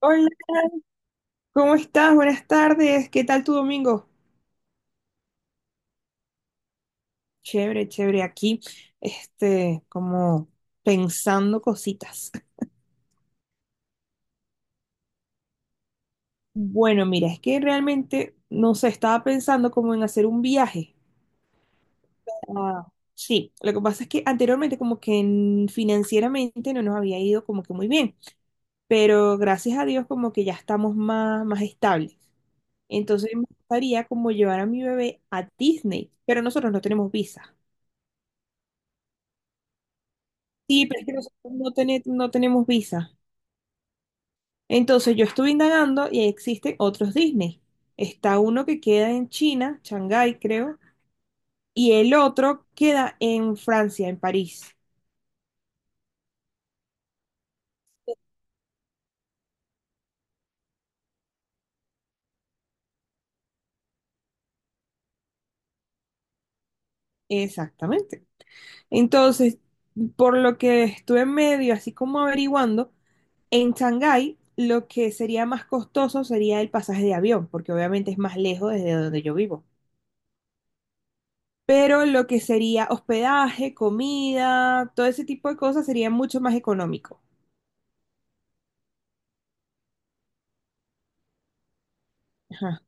Hola, ¿cómo estás? Buenas tardes. ¿Qué tal tu domingo? Chévere, chévere. Aquí, como pensando cositas. Bueno, mira, es que realmente, no sé, estaba pensando como en hacer un viaje. Ah, sí, lo que pasa es que anteriormente como que financieramente no nos había ido como que muy bien, pero gracias a Dios como que ya estamos más estables. Entonces me gustaría como llevar a mi bebé a Disney, pero nosotros no tenemos visa. Sí, pero es que nosotros no, no tenemos visa. Entonces yo estuve indagando y existen otros Disney. Está uno que queda en China, Shanghái creo, y el otro queda en Francia, en París. Exactamente. Entonces, por lo que estuve en medio, así como averiguando, en Shanghái lo que sería más costoso sería el pasaje de avión, porque obviamente es más lejos desde donde yo vivo. Pero lo que sería hospedaje, comida, todo ese tipo de cosas sería mucho más económico. Ajá.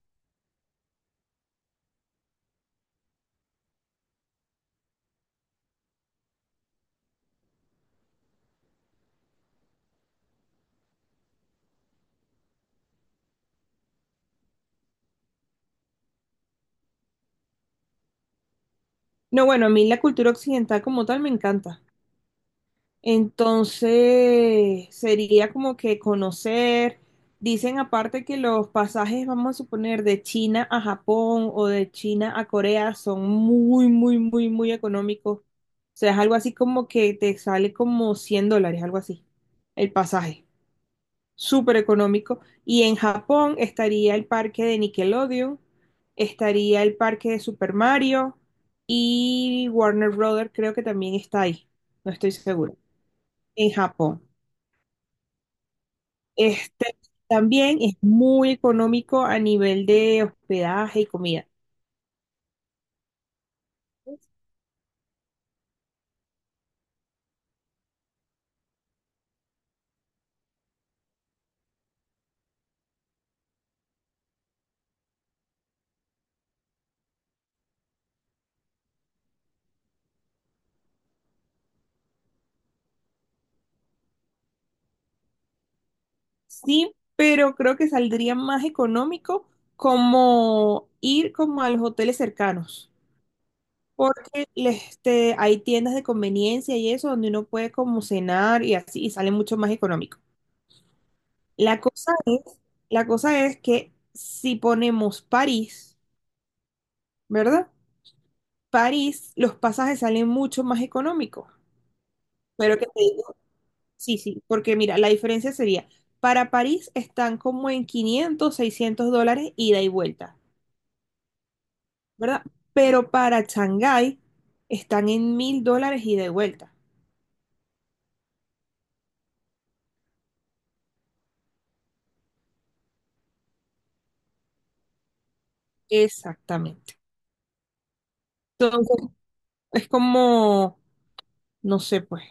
No, bueno, a mí la cultura occidental como tal me encanta. Entonces, sería como que conocer, dicen aparte que los pasajes, vamos a suponer, de China a Japón o de China a Corea son muy, muy, muy, muy económicos. O sea, es algo así como que te sale como $100, algo así, el pasaje, súper económico. Y en Japón estaría el parque de Nickelodeon, estaría el parque de Super Mario y Warner Brothers creo que también está ahí, no estoy seguro, en Japón. Este también es muy económico a nivel de hospedaje y comida. Sí, pero creo que saldría más económico como ir como a los hoteles cercanos. Porque hay tiendas de conveniencia y eso donde uno puede como cenar y así y sale mucho más económico. La cosa es, la cosa es que si ponemos París, ¿verdad? París, los pasajes salen mucho más económicos. Pero que te digo, sí, sí, porque mira, la diferencia sería, para París están como en 500, $600 ida y vuelta, ¿verdad? Pero para Shanghái están en $1000 ida y vuelta. Exactamente. Es como, no sé, pues,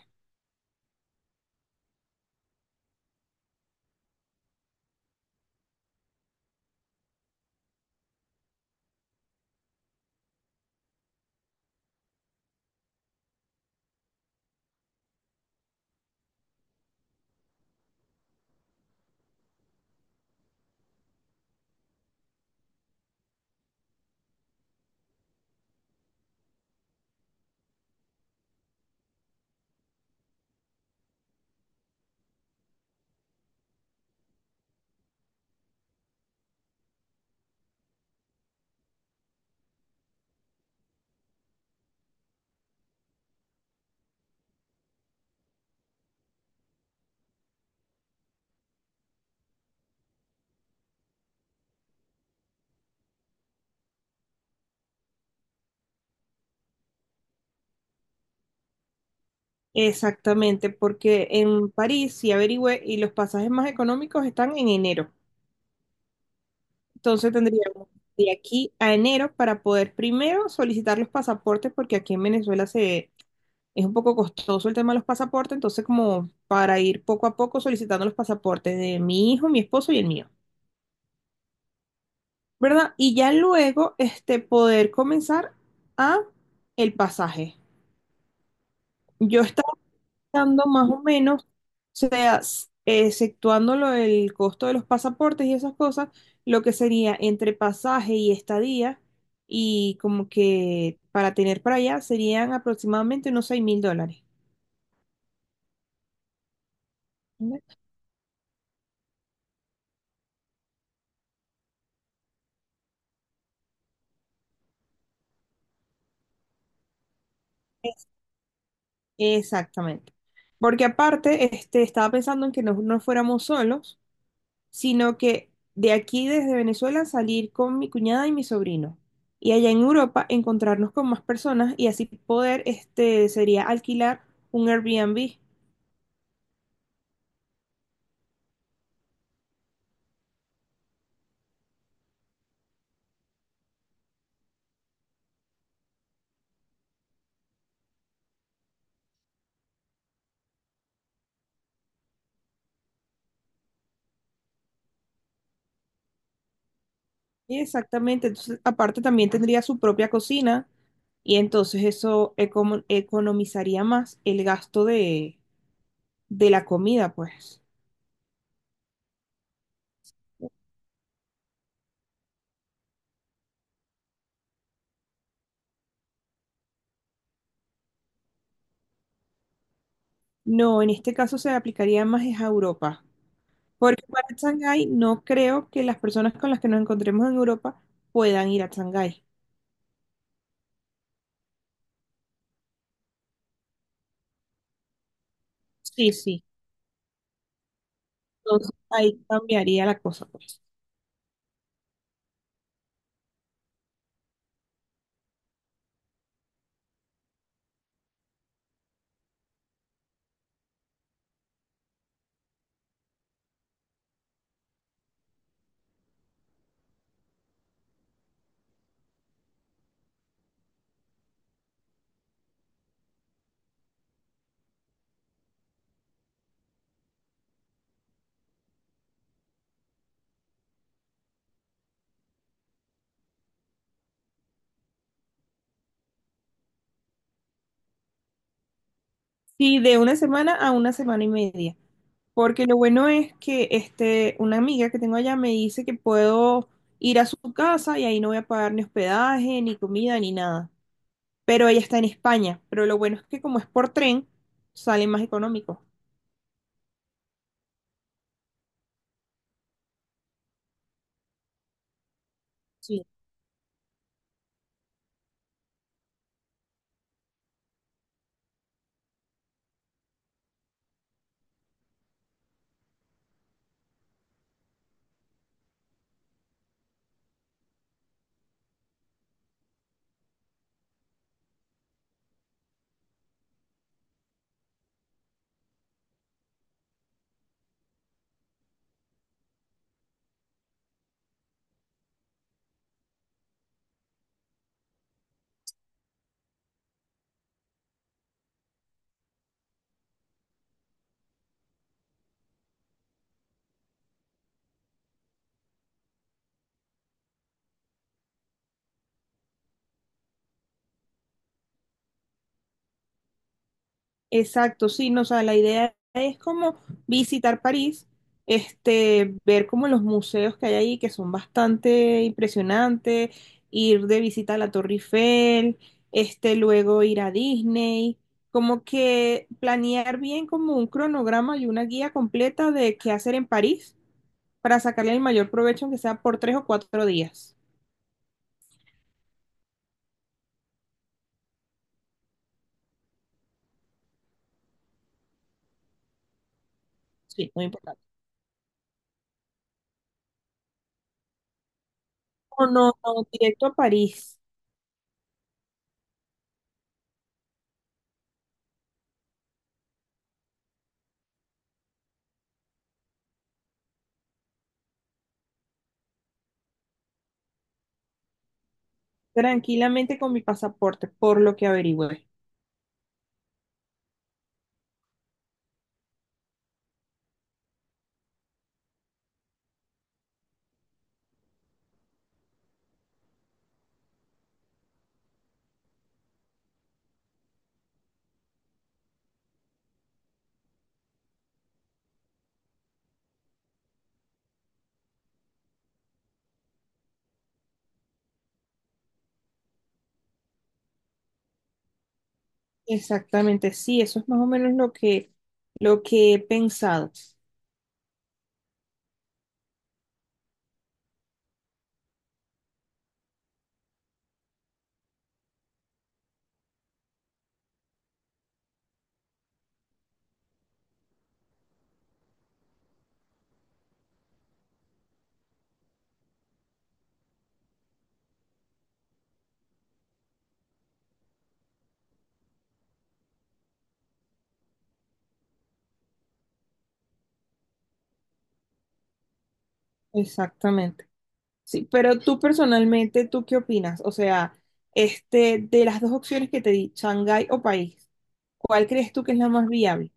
exactamente, porque en París sí averigüé y los pasajes más económicos están en enero. Entonces tendríamos de aquí a enero para poder primero solicitar los pasaportes, porque aquí en Venezuela se es un poco costoso el tema de los pasaportes, entonces como para ir poco a poco solicitando los pasaportes de mi hijo, mi esposo y el mío, ¿verdad? Y ya luego, poder comenzar a el pasaje. Yo dando más o menos, o sea, exceptuando lo del costo de los pasaportes y esas cosas, lo que sería entre pasaje y estadía, y como que para tener para allá serían aproximadamente unos $6000. ¿Entiendes? Exactamente. Porque aparte, estaba pensando en que no nos fuéramos solos, sino que de aquí desde Venezuela salir con mi cuñada y mi sobrino. Y allá en Europa encontrarnos con más personas y así poder, sería alquilar un Airbnb. Exactamente, entonces aparte también tendría su propia cocina y entonces eso economizaría más el gasto de la comida, pues. No, en este caso se aplicaría más es a Europa, porque para Shanghái no creo que las personas con las que nos encontremos en Europa puedan ir a Shanghái. Sí, sí. Entonces ahí cambiaría la cosa, pues. Sí, de una semana a una semana y media. Porque lo bueno es que una amiga que tengo allá me dice que puedo ir a su casa y ahí no voy a pagar ni hospedaje, ni comida, ni nada. Pero ella está en España. Pero lo bueno es que como es por tren, sale más económico. Sí. Exacto, sí, no, o sea, la idea es como visitar París, ver como los museos que hay ahí, que son bastante impresionantes, ir de visita a la Torre Eiffel, luego ir a Disney, como que planear bien como un cronograma y una guía completa de qué hacer en París para sacarle el mayor provecho, aunque sea por 3 o 4 días. Sí, muy importante. O no, no, directo a París, tranquilamente con mi pasaporte, por lo que averigüé. Exactamente, sí, eso es más o menos lo que he pensado. Exactamente. Sí, pero tú personalmente, ¿tú qué opinas? O sea, de las dos opciones que te di, Shanghái o país, ¿cuál crees tú que es la más viable?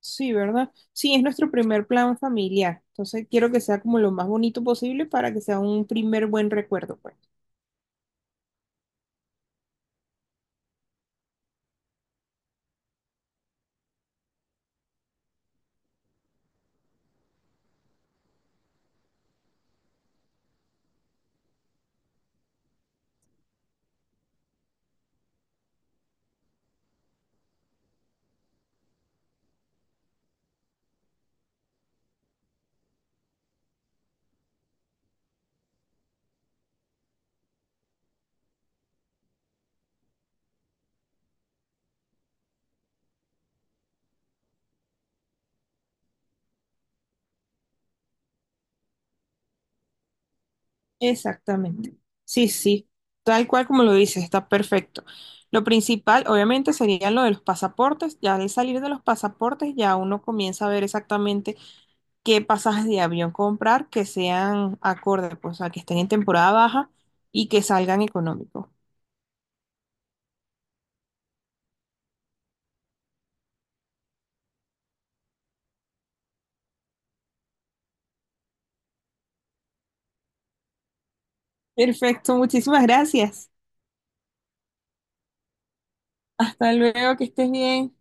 Sí, ¿verdad? Sí, es nuestro primer plan familiar. Entonces, quiero que sea como lo más bonito posible para que sea un primer buen recuerdo, pues. Exactamente. Sí, sí, tal cual como lo dices, está perfecto. Lo principal, obviamente, sería lo de los pasaportes. Ya al salir de los pasaportes, ya uno comienza a ver exactamente qué pasajes de avión comprar que sean acorde, pues, a que estén en temporada baja y que salgan económicos. Perfecto, muchísimas gracias. Hasta luego, que estés bien.